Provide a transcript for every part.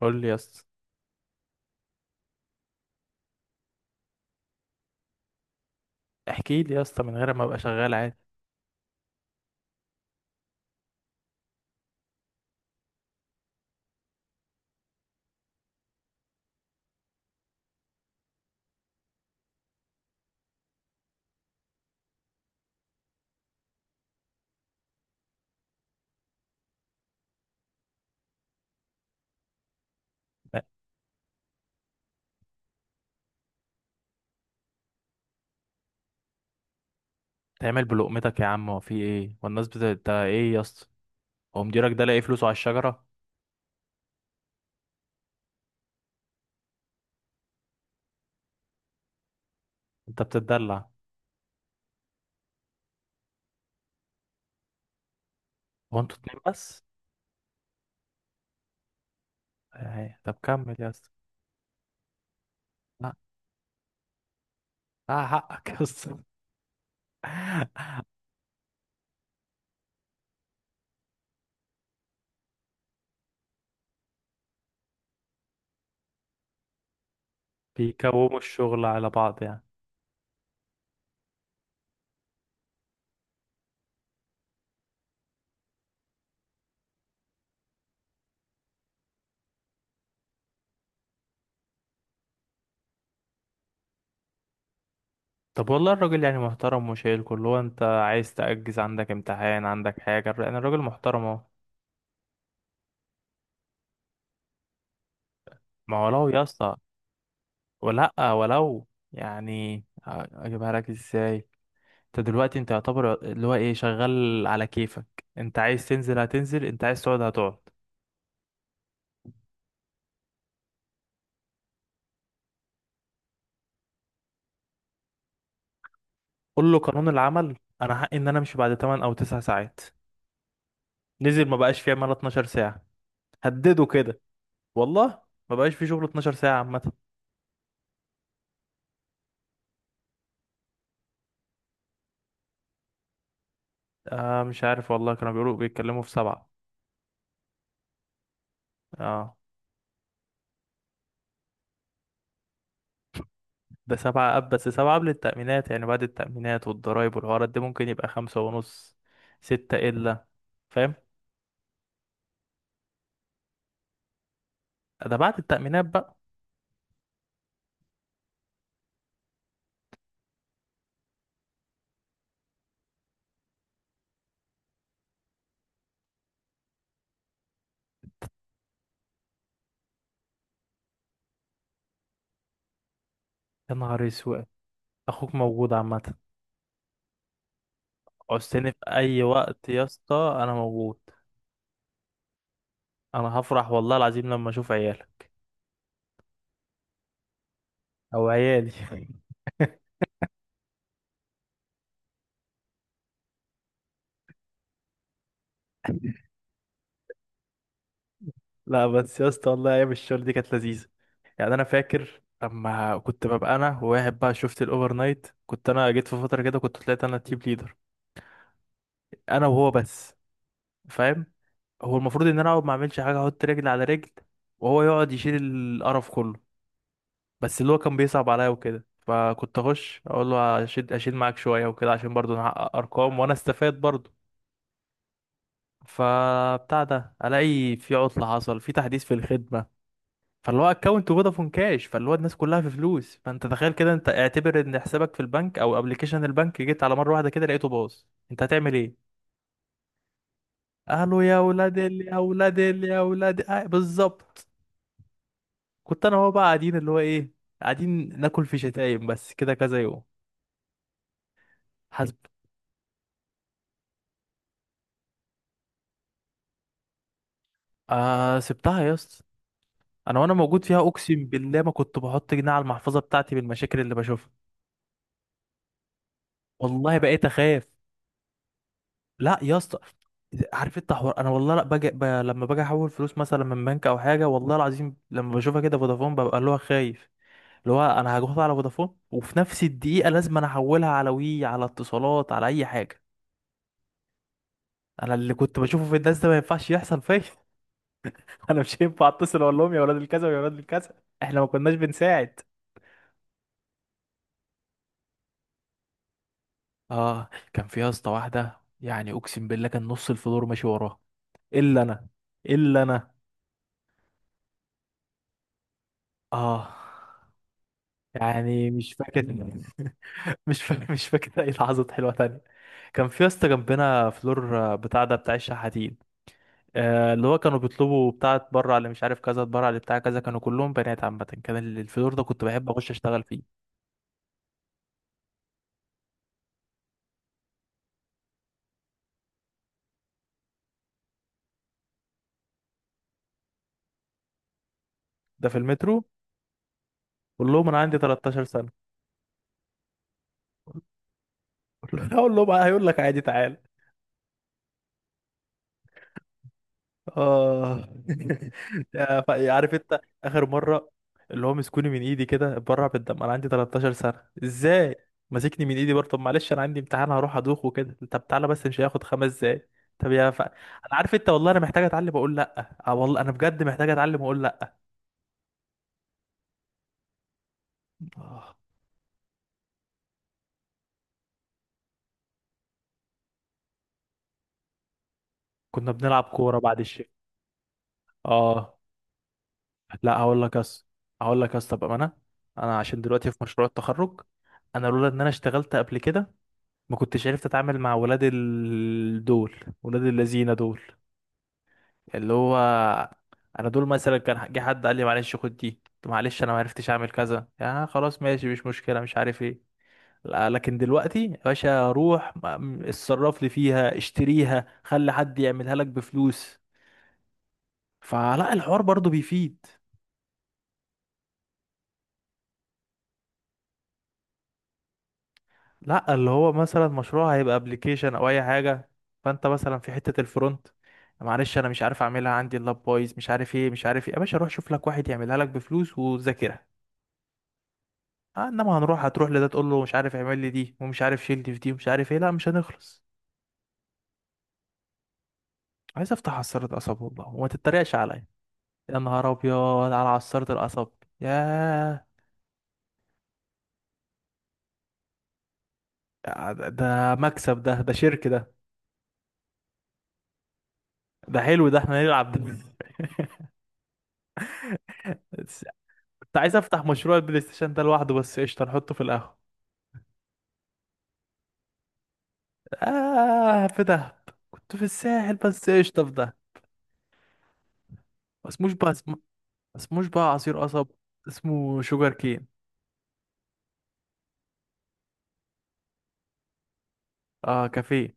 قول لي يا اسطى. احكي لي يا اسطى من غير ما ابقى شغال عادي. لا، تعمل بلقمتك يا عم. هو في ايه والناس بت انت ايه يا اسطى؟ هو مديرك ده لاقي فلوسه على الشجره؟ انت بتتدلع. هو انتوا اتنين بس؟ ايه، طب كمل يا اسطى. لا لا حقك يا اسطى. بيكوموا الشغل على بعض يعني. طب والله الراجل يعني محترم وشايل كله. هو انت عايز تأجز؟ عندك امتحان، عندك حاجه؟ يعني الراجل محترم اهو. ما ولو يا اسطى، ولا ولو، يعني اجيبها لك ازاي؟ انت دلوقتي انت يعتبر اللي هو ايه، شغال على كيفك. انت عايز تنزل هتنزل، انت عايز تقعد هتقعد. قول له قانون العمل، انا حقي ان انا امشي بعد 8 او 9 ساعات. نزل، ما بقاش فيه عمال 12 ساعة. هدده كده. والله ما بقاش فيه شغل 12 ساعة عامة. آه مش عارف والله، كانوا بيقولوا بيتكلموا في سبعة. اه، ده سبعة أب. بس سبعة قبل التأمينات، يعني بعد التأمينات والضرايب والحوارات دي ممكن يبقى خمسة ونص، ستة إلا. فاهم؟ ده بعد التأمينات بقى. يا نهار أسود. أخوك موجود عامة. عوزتني في اي وقت يا اسطى انا موجود. انا هفرح والله العظيم لما اشوف عيالك او عيالي. لا بس يا اسطى والله ايام الشغل دي كانت لذيذه. يعني انا فاكر لما كنت ببقى انا وواحد بقى، شفت الاوفر نايت؟ كنت انا جيت في فتره كده كنت طلعت انا تيم ليدر، انا وهو بس. فاهم؟ هو المفروض ان انا اقعد ما اعملش حاجه، احط رجل على رجل وهو يقعد يشيل القرف كله. بس اللي هو كان بيصعب عليا وكده، فكنت اخش اقول له اشيل اشيل معاك شويه وكده، عشان برضه نحقق ارقام وانا استفاد برضه. فبتاع ده، الاقي في عطله، حصل في تحديث في الخدمه. فاللي هو اكونت فودافون كاش، فاللي هو الناس كلها في فلوس، فانت تخيل كده. انت اعتبر ان حسابك في البنك او ابلكيشن البنك، جيت على مره واحده كده لقيته باظ. انت هتعمل ايه؟ قالوا يا ولاد آه، بالظبط. كنت انا هو بقى قاعدين اللي هو ايه، قاعدين ناكل في شتايم بس كده كذا يوم. حسب. آه، سبتها يا اسطى. انا وانا موجود فيها اقسم بالله ما كنت بحط جنيه على المحفظه بتاعتي، بالمشاكل اللي بشوفها. والله بقيت اخاف. لا يا اسطى. عارف انت حوار، انا والله لا لما باجي احول فلوس مثلا من بنك او حاجه، والله العظيم لما بشوفها كده فودافون ببقى اللي هو خايف. اللي هو انا هاخدها على فودافون وفي نفس الدقيقه لازم انا احولها على وي، على اتصالات، على اي حاجه. انا اللي كنت بشوفه في الناس ده ما ينفعش يحصل فيا. انا مش هينفع اتصل اقول لهم يا ولاد الكذا ويا ولاد الكذا. احنا ما كناش بنساعد. اه، كان في يا اسطى واحده يعني اقسم بالله كان نص الفلور ماشي وراها، الا انا، الا انا. اه. يعني مش فاكر. مش فاكر. مش فاكر اي لحظات حلوه تانية. كان في يا اسطى جنبنا فلور بتاع ده بتاع الشحاتين، اللي هو كانوا بيطلبوا بتاع اتبرع اللي مش عارف كذا، اتبرع اللي بتاع كذا، كانوا كلهم بنات. عامه كان الفلور ده كنت بحب اخش اشتغل فيه. ده في المترو. قول لهم انا عندي 13 سنه. اقول لهم "آه، هيقول لك عادي تعال". اه. عارف انت اخر مره، اللي هو مسكوني من ايدي كده اتبرع بالدم، انا عندي 13 سنه ازاي؟ ماسكني من ايدي برضه. طب معلش انا عندي امتحان هروح ادوخ وكده. طب تعالى بس، مش هياخد 5 دقايق. طب انا عارف انت، والله انا محتاج اتعلم اقول لا. اه والله انا بجد محتاج اتعلم اقول لا. آه. كنا بنلعب كوره بعد الشيء. اه لا، هقول لك يس. هقول لك يس. طب انا، انا عشان دلوقتي في مشروع التخرج، انا لولا ان انا اشتغلت قبل كده ما كنتش عرفت اتعامل مع ولاد دول، ولاد الذين دول. اللي هو انا دول مثلا كان جه حد قال لي معلش خد دي، طب معلش انا ما عرفتش اعمل كذا، يا خلاص ماشي مش مشكله مش عارف ايه. لا، لكن دلوقتي يا باشا، روح اتصرف لي فيها، اشتريها، خلي حد يعملها لك بفلوس. فلا، الحوار برضو بيفيد. لا، اللي هو مثلا مشروع هيبقى ابلكيشن او اي حاجه، فانت مثلا في حته الفرونت، معلش انا مش عارف اعملها، عندي اللاب بايظ، مش عارف ايه مش عارف ايه. يا باشا روح شوف لك واحد يعملها لك بفلوس وذاكرها. آه، انما هنروح، هتروح لده تقول له مش عارف اعمل لي دي، ومش عارف شيل دي في دي، ومش عارف ايه، لا مش هنخلص. عايز افتح عصاره قصب والله وما تتريقش عليا. يا نهار ابيض على عصاره القصب. ياه. ده ده مكسب، ده ده شرك ده. ده حلو ده، احنا نلعب ده. كنت عايز افتح مشروع البلاي ستيشن ده لوحده، بس قشطه نحطه في القهوه. آه في دهب. كنت في الساحل بس قشطة في دهب. ما اسموش بقى ما اسموش بقى عصير قصب. اسمه شوجر كين. اه كافيه.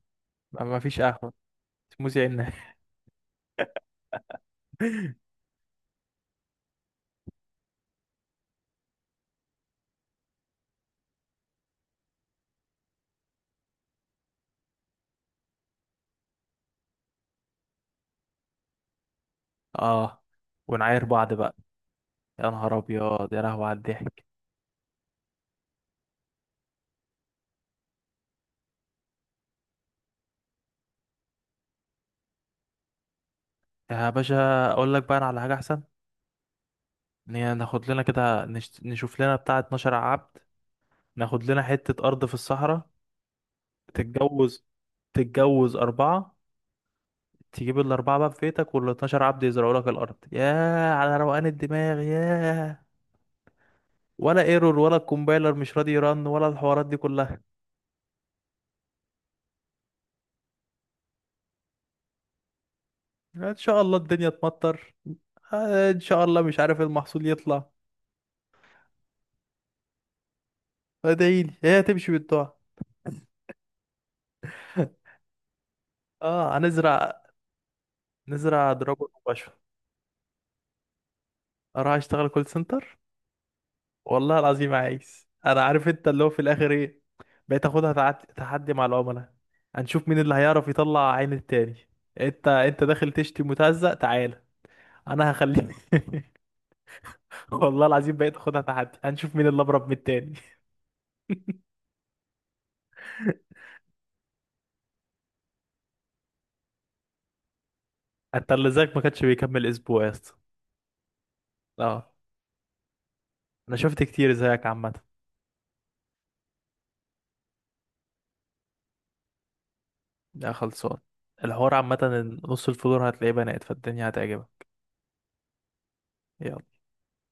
ما ما فيش قهوة. اسمه زي الناس. اه، ونعاير بعض بقى. يا نهار ابيض يا لهوي على الضحك. يا باشا اقول لك بقى، أنا على حاجة احسن. ان هي ناخد لنا كده نشوف لنا بتاع 12 عبد، ناخد لنا حتة ارض في الصحراء. تتجوز، تتجوز أربعة، تجيب الأربعة بقى في بيتك والاتناشر عبد يزرعوا لك الأرض. ياه على روقان الدماغ، ياه. ولا ايرور ولا الكومبايلر مش راضي يرن ولا الحوارات دي كلها. ان شاء الله الدنيا تمطر، آه، ان شاء الله مش عارف إيه المحصول يطلع. ادعيلي هي تمشي بالدعاء. اه هنزرع، نزرع دراجون وبشر. اروح اشتغل كول سنتر؟ والله العظيم عايز، انا عارف انت اللي هو في الاخر ايه. بقيت اخدها تحدي مع العملاء. هنشوف مين اللي هيعرف يطلع عين التاني. انت انت داخل تشتي متهزق، تعال انا هخليه. والله العظيم بقيت اخدها تحدي، هنشوف مين اللي ابرب من التاني. انت اللي زيك ما كانش بيكمل اسبوع يا اسطى. اه. انا شفت كتير زيك عامه. يا خلصان الحوار عامه إن نص الفلور هتلاقيه بنات، فالدنيا هتعجبك. يلا.